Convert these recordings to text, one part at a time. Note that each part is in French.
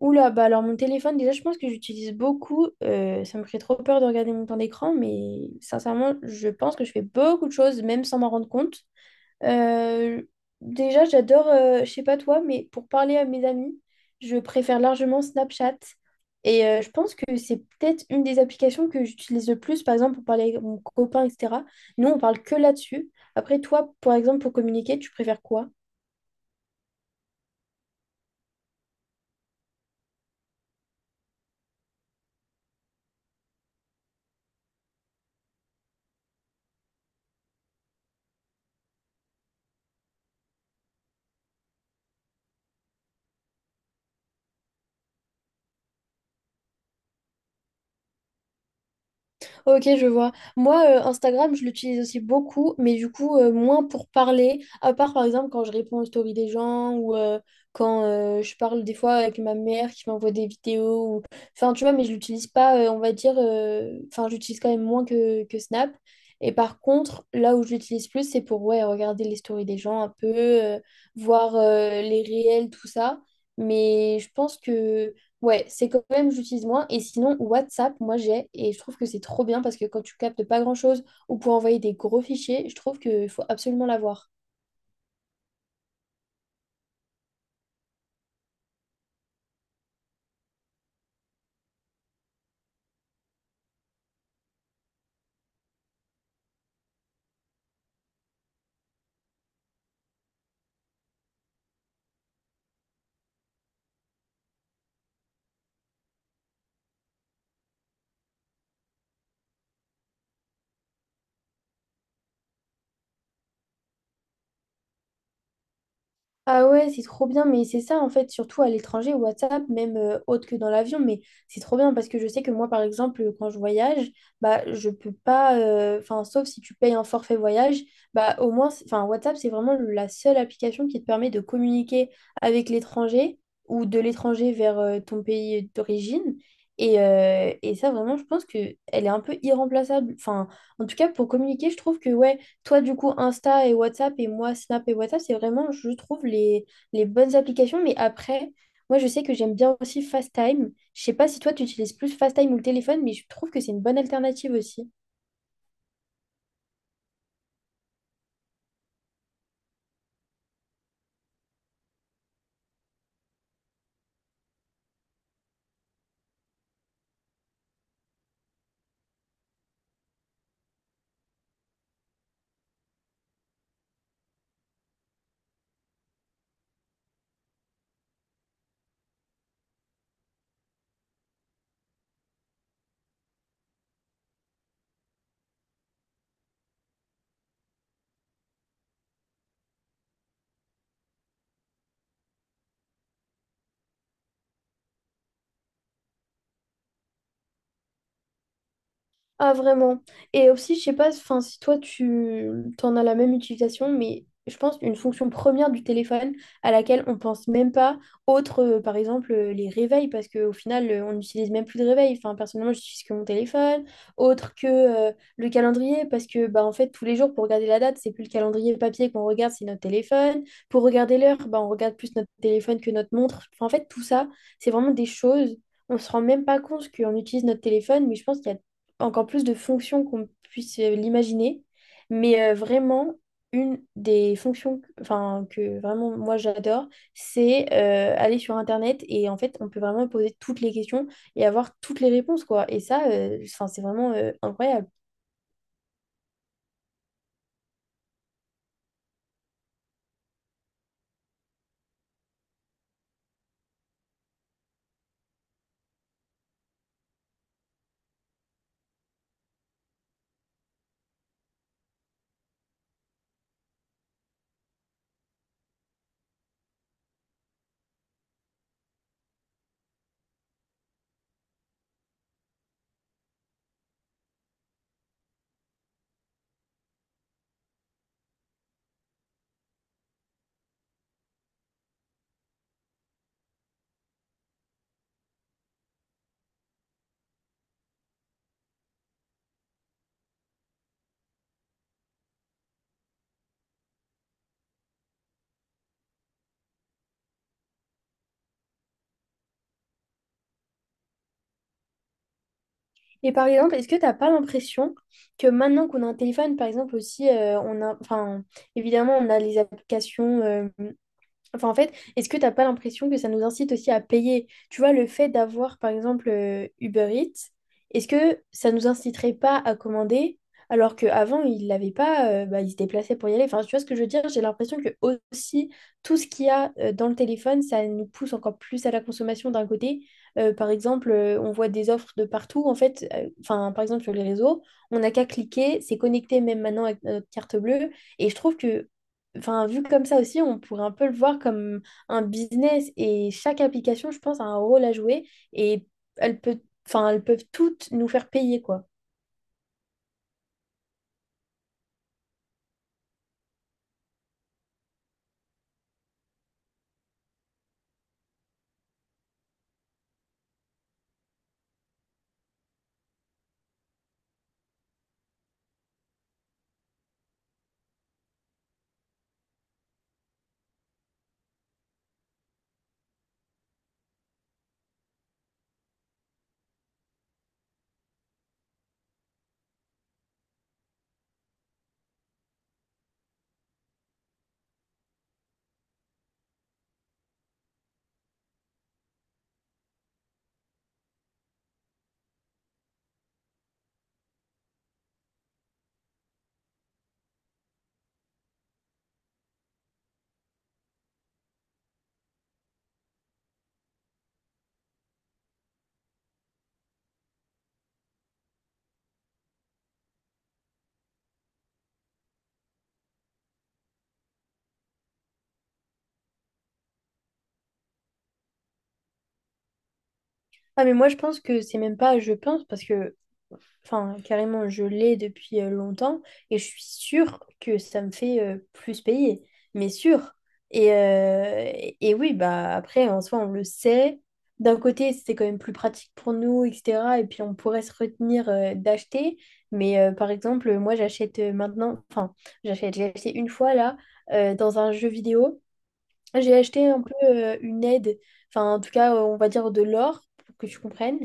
Oula, bah alors mon téléphone, déjà, je pense que j'utilise beaucoup. Ça me ferait trop peur de regarder mon temps d'écran, mais sincèrement, je pense que je fais beaucoup de choses, même sans m'en rendre compte. Euh, déjà, j'adore, je sais pas toi, mais pour parler à mes amis, je préfère largement Snapchat. Et je pense que c'est peut-être une des applications que j'utilise le plus, par exemple, pour parler avec mon copain, etc. Nous, on parle que là-dessus. Après, toi, par exemple, pour communiquer, tu préfères quoi? Ok, je vois. Moi, Instagram, je l'utilise aussi beaucoup, mais du coup, moins pour parler, à part par exemple quand je réponds aux stories des gens ou quand je parle des fois avec ma mère qui m'envoie des vidéos. Enfin, tu vois, mais je l'utilise pas, on va dire, enfin, j'utilise quand même moins que, Snap. Et par contre, là où je l'utilise plus, c'est pour, ouais, regarder les stories des gens un peu, voir les réels, tout ça. Mais je pense que. Ouais, c'est quand même, j'utilise moins. Et sinon, WhatsApp, moi j'ai, et je trouve que c'est trop bien parce que quand tu captes pas grand-chose ou pour envoyer des gros fichiers, je trouve qu'il faut absolument l'avoir. Ah ouais, c'est trop bien, mais c'est ça en fait, surtout à l'étranger, WhatsApp, même autre que dans l'avion, mais c'est trop bien parce que je sais que moi, par exemple, quand je voyage, bah je peux pas, enfin, sauf si tu payes un forfait voyage, bah au moins, enfin, WhatsApp, c'est vraiment la seule application qui te permet de communiquer avec l'étranger ou de l'étranger vers ton pays d'origine. Et ça, vraiment, je pense que elle est un peu irremplaçable. Enfin, en tout cas, pour communiquer, je trouve que ouais. Toi, du coup, Insta et WhatsApp et moi, Snap et WhatsApp, c'est vraiment, je trouve, les bonnes applications. Mais après, moi, je sais que j'aime bien aussi FaceTime. Je sais pas si toi, tu utilises plus FaceTime ou le téléphone, mais je trouve que c'est une bonne alternative aussi. Ah, vraiment. Et aussi, je sais pas, enfin, si toi, tu t'en as la même utilisation, mais je pense une fonction première du téléphone à laquelle on pense même pas, autre, par exemple, les réveils, parce qu'au final, on n'utilise même plus de réveil. Enfin, personnellement, j'utilise que mon téléphone, autre que le calendrier, parce que, bah, en fait, tous les jours, pour regarder la date, c'est plus le calendrier papier qu'on regarde, c'est notre téléphone. Pour regarder l'heure, bah, on regarde plus notre téléphone que notre montre. Enfin, en fait, tout ça, c'est vraiment des choses. On se rend même pas compte qu'on utilise notre téléphone, mais je pense qu'il y a encore plus de fonctions qu'on puisse l'imaginer. Mais vraiment, une des fonctions enfin, que vraiment moi j'adore, c'est aller sur Internet et en fait, on peut vraiment poser toutes les questions et avoir toutes les réponses, quoi. Et ça, enfin, c'est vraiment incroyable. Et par exemple, est-ce que t'as pas l'impression que maintenant qu'on a un téléphone, par exemple aussi, on a, enfin, évidemment, on a les applications. Enfin, en fait, est-ce que t'as pas l'impression que ça nous incite aussi à payer? Tu vois, le fait d'avoir, par exemple, Uber Eats, est-ce que ça nous inciterait pas à commander alors qu'avant, ils l'avaient pas, bah, ils se déplaçaient pour y aller. Enfin, tu vois ce que je veux dire? J'ai l'impression que aussi, tout ce qu'il y a dans le téléphone, ça nous pousse encore plus à la consommation d'un côté. Par exemple, on voit des offres de partout. En fait, enfin, par exemple, sur les réseaux, on n'a qu'à cliquer, c'est connecté même maintenant avec notre carte bleue. Et je trouve que, enfin, vu comme ça aussi, on pourrait un peu le voir comme un business et chaque application, je pense, a un rôle à jouer et elles peut, enfin, elles peuvent toutes nous faire payer, quoi. Ah, mais moi, je pense que c'est même pas, je pense, parce que enfin, carrément, je l'ai depuis longtemps et je suis sûre que ça me fait plus payer, mais sûr. Et, euh, et oui, bah après, en soi, on le sait. D'un côté, c'est quand même plus pratique pour nous, etc. Et puis, on pourrait se retenir d'acheter. Mais par exemple, moi, j'achète maintenant, enfin, j'ai acheté une fois là, dans un jeu vidéo. J'ai acheté un peu une aide, enfin en tout cas on va dire de l'or pour que tu comprennes.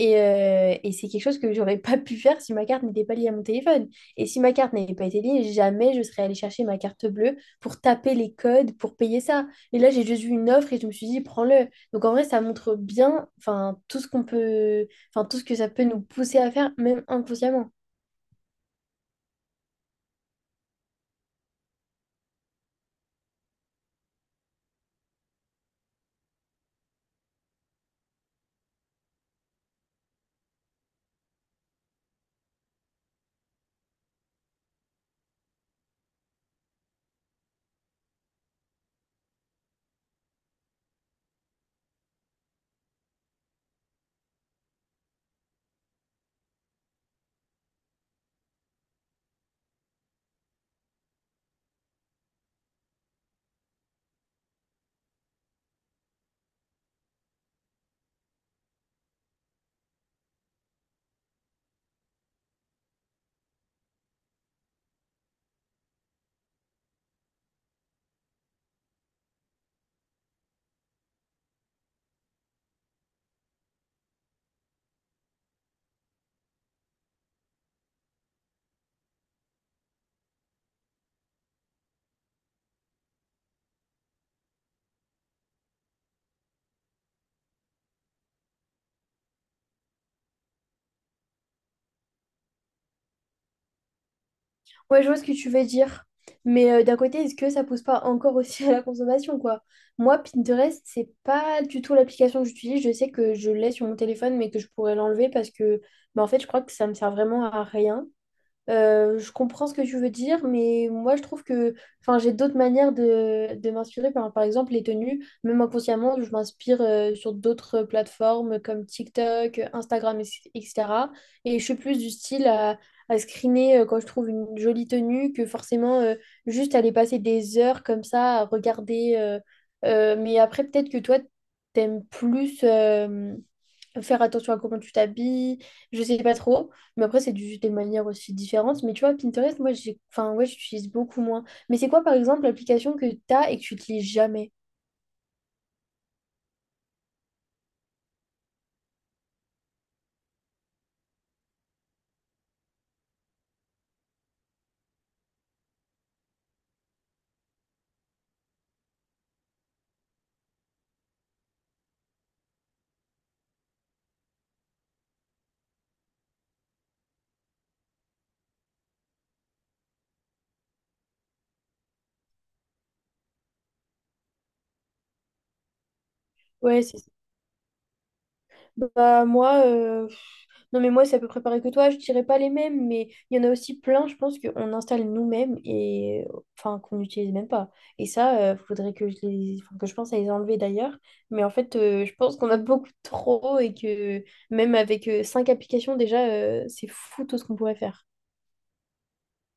Et c'est quelque chose que j'aurais pas pu faire si ma carte n'était pas liée à mon téléphone. Et si ma carte n'avait pas été liée, jamais je serais allée chercher ma carte bleue pour taper les codes pour payer ça. Et là j'ai juste vu une offre et je me suis dit prends-le. Donc en vrai ça montre bien, enfin tout ce qu'on peut, enfin tout ce que ça peut nous pousser à faire même inconsciemment. Ouais, je vois ce que tu veux dire. Mais d'un côté, est-ce que ça pousse pas encore aussi à la consommation, quoi? Moi, Pinterest, c'est pas du tout l'application que j'utilise. Je sais que je l'ai sur mon téléphone, mais que je pourrais l'enlever parce que, bah, en fait, je crois que ça me sert vraiment à rien. Je comprends ce que tu veux dire, mais moi je trouve que enfin, j'ai d'autres manières de m'inspirer. Par exemple, les tenues, même inconsciemment, je m'inspire sur d'autres plateformes comme TikTok, Instagram, etc. Et je suis plus du style à, screener quand je trouve une jolie tenue que forcément juste aller passer des heures comme ça à regarder. Mais après, peut-être que toi, t'aimes plus faire attention à comment tu t'habilles, je sais pas trop, mais après c'est des manières aussi différentes, mais tu vois Pinterest, moi j'ai enfin ouais, j'utilise beaucoup moins. Mais c'est quoi par exemple l'application que t'as et que tu utilises jamais? Ouais, c'est. Bah moi, non mais moi c'est à peu près pareil que toi, je dirais pas les mêmes, mais il y en a aussi plein, je pense, qu'on installe nous-mêmes et enfin qu'on n'utilise même pas. Et ça, il faudrait que je les, enfin, que je pense à les enlever d'ailleurs. Mais en fait, je pense qu'on a beaucoup trop et que même avec cinq applications déjà, c'est fou tout ce qu'on pourrait faire.